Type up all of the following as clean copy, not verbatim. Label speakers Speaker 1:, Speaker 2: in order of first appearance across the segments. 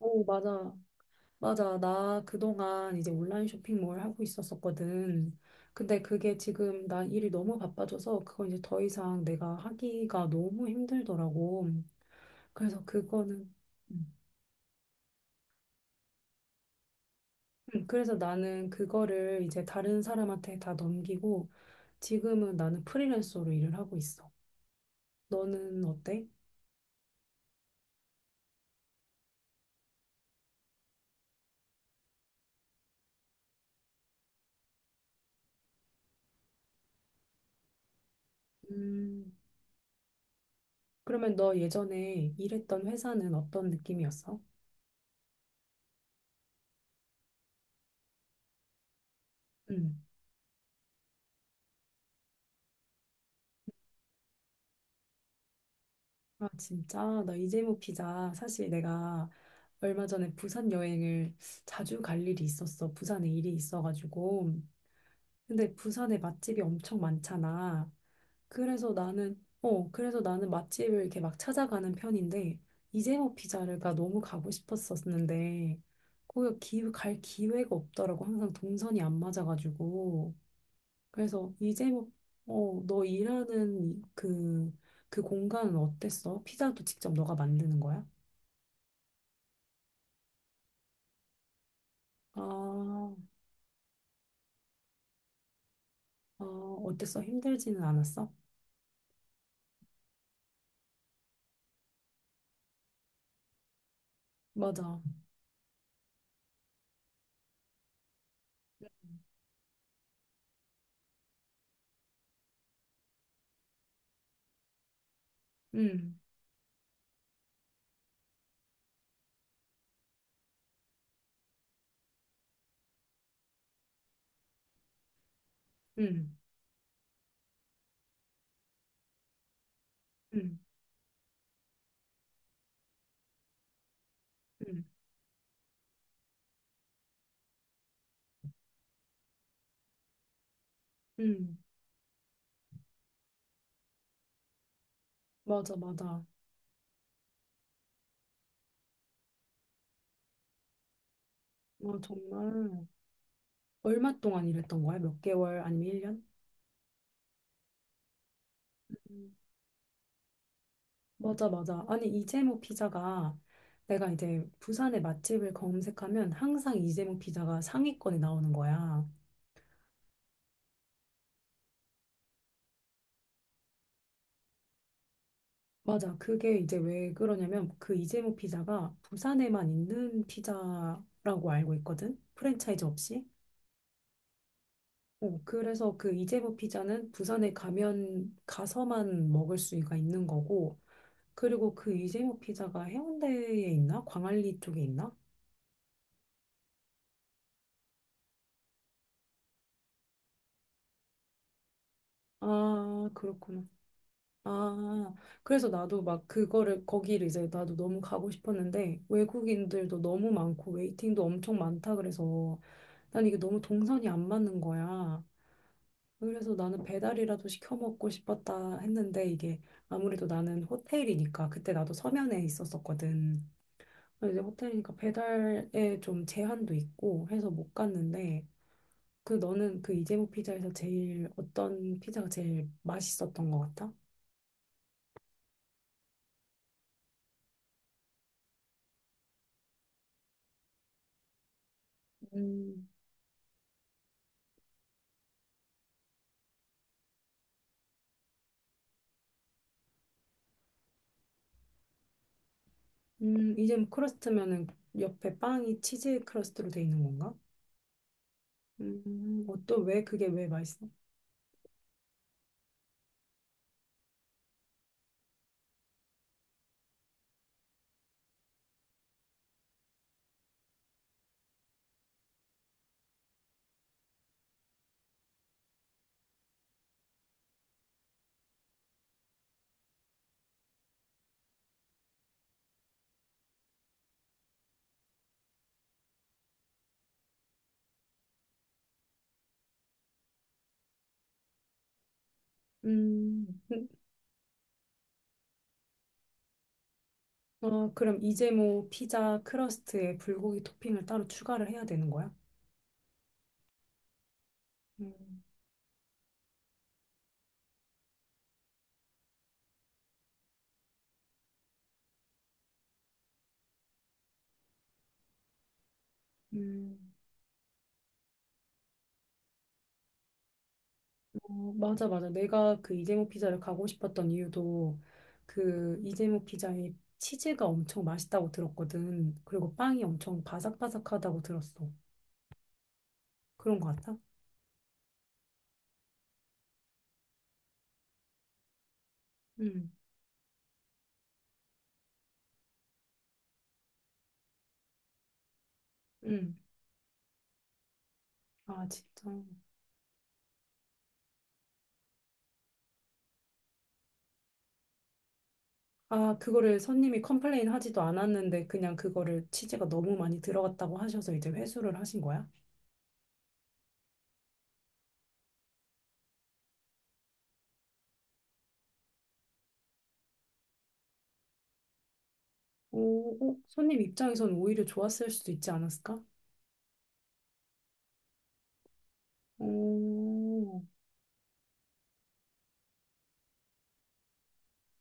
Speaker 1: 어, 맞아. 맞아. 나 그동안 이제 온라인 쇼핑몰 하고 있었었거든. 근데 그게 지금 나 일이 너무 바빠져서 그건 이제 더 이상 내가 하기가 너무 힘들더라고. 그래서 그거는. 음. 그래서 나는 그거를 이제 다른 사람한테 다 넘기고 지금은 나는 프리랜서로 일을 하고 있어. 너는 어때? 음, 그러면 너 예전에 일했던 회사는 어떤 느낌이었어? 음. 아, 진짜? 나 이재모 피자. 사실 내가 얼마 전에 부산 여행을 자주 갈 일이 있었어. 부산에 일이 있어가지고. 근데 부산에 맛집이 엄청 많잖아. 그래서 나는 맛집을 이렇게 막 찾아가는 편인데, 이재모 피자가 너무 가고 싶었었는데, 갈 기회가 없더라고. 항상 동선이 안 맞아가지고. 그래서 이제목, 너 일하는 그, 그 공간은 어땠어? 피자도 직접 너가 만드는 거야? 아, 아, 어땠어? 힘들지는 않았어? 맞아. 응, 응, 응, 응, 응. 맞아, 맞아. 아, 정말. 얼마 동안 일했던 거야? 몇 개월 아니면 1년? 맞아, 맞아. 아니, 이재모 피자가 내가 이제 부산의 맛집을 검색하면 항상 이재모 피자가 상위권에 나오는 거야. 맞아. 그게 이제 왜 그러냐면 그 이재모 피자가 부산에만 있는 피자라고 알고 있거든. 프랜차이즈 없이. 그래서 그 이재모 피자는 부산에 가면 가서만 먹을 수가 있는 거고. 그리고 그 이재모 피자가 해운대에 있나? 광안리 쪽에 있나? 아, 그렇구나. 아, 그래서 나도 막 그거를 거기를 이제 나도 너무 가고 싶었는데 외국인들도 너무 많고 웨이팅도 엄청 많다 그래서 난 이게 너무 동선이 안 맞는 거야. 그래서 나는 배달이라도 시켜 먹고 싶었다 했는데 이게 아무래도 나는 호텔이니까 그때 나도 서면에 있었었거든. 근데 이제 호텔이니까 배달에 좀 제한도 있고 해서 못 갔는데 그 너는 그 이재모 피자에서 제일 어떤 피자가 제일 맛있었던 것 같아? 음, 이재모 크러스트면은 옆에 빵이 치즈 크러스트로 돼 있는 건가? 어떤 왜 그게 왜 맛있어? 음, 음. 그럼 이제 뭐 피자 크러스트에 불고기 토핑을 따로 추가를 해야 되는 거야? 음, 음, 어, 맞아, 맞아. 내가 그 이재모 피자를 가고 싶었던 이유도 그 이재모 피자의 치즈가 엄청 맛있다고 들었거든. 그리고 빵이 엄청 바삭바삭하다고 들었어. 그런 거 같아? 응, 응. 아, 진짜. 아, 그거를 손님이 컴플레인 하지도 않았는데 그냥 그거를 치즈가 너무 많이 들어갔다고 하셔서 이제 회수를 하신 거야? 오, 어, 손님 입장에선 오히려 좋았을 수도 있지 않았을까? 오,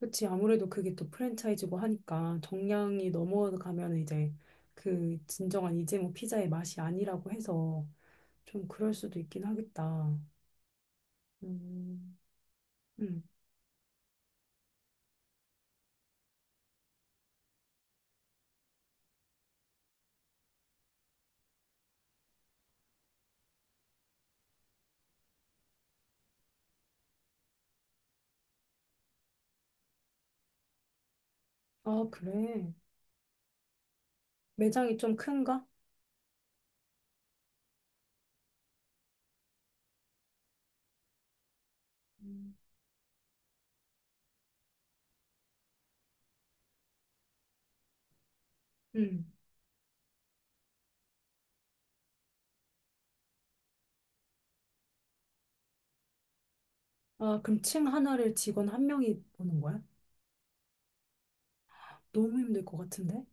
Speaker 1: 그치. 아무래도 그게 또 프랜차이즈고 하니까 정량이 넘어가면 이제 그 진정한 이제 뭐 피자의 맛이 아니라고 해서 좀 그럴 수도 있긴 하겠다. 음, 음. 아, 그래. 매장이 좀 큰가? 음. 음. 아, 그럼 층 하나를 직원 한 명이 보는 거야? 너무 힘들 것 같은데?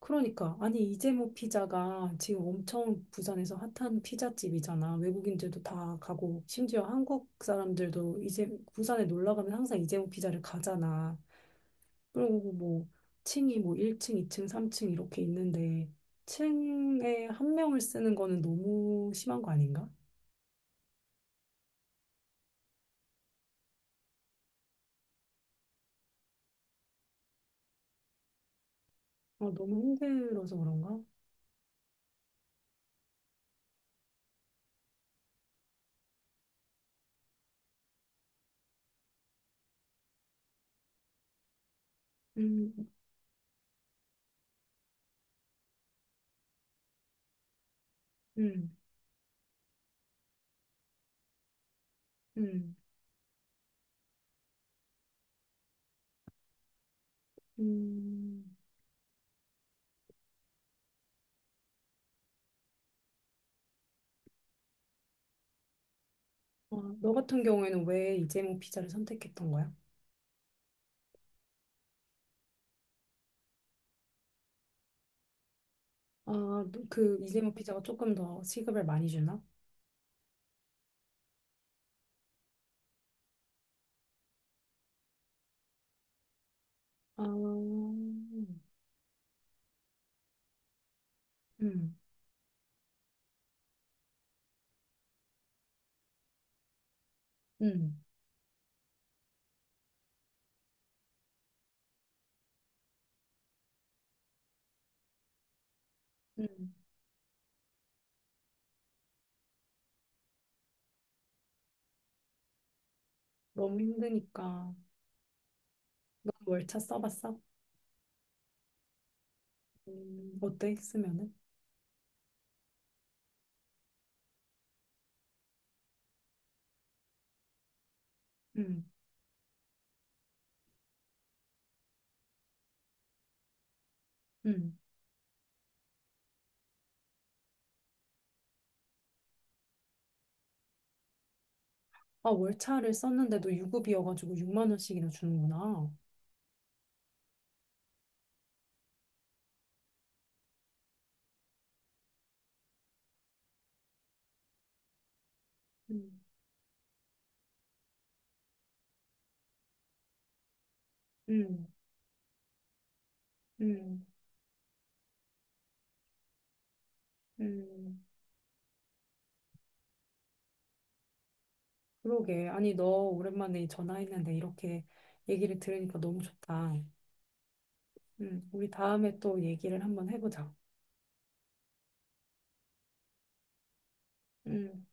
Speaker 1: 그러니까 아니 이재모 피자가 지금 엄청 부산에서 핫한 피자집이잖아. 외국인들도 다 가고 심지어 한국 사람들도 이제 부산에 놀러 가면 항상 이재모 피자를 가잖아. 그리고 뭐 층이 뭐 1층, 2층, 3층 이렇게 있는데 층에 한 명을 쓰는 거는 너무 심한 거 아닌가? 너무 힘들어서 그런가? 음, 음, 음, 음. 너 같은 경우에는 왜 이재모 피자를 선택했던 거야? 아, 그 이재모 피자가 조금 더 시급을 많이 주나? 아, 음, 음. 너무 힘드니까. 너 월차 써봤어? 어때? 쓰면은? 음, 음. 아, 월차를 썼는데도 유급이어가지고 6만 원씩이나 주는구나. 음, 음, 음, 음. 그러게. 아니, 너 오랜만에 전화했는데 이렇게 얘기를 들으니까 너무 좋다. 우리 다음에 또 얘기를 한번 해보자. 음.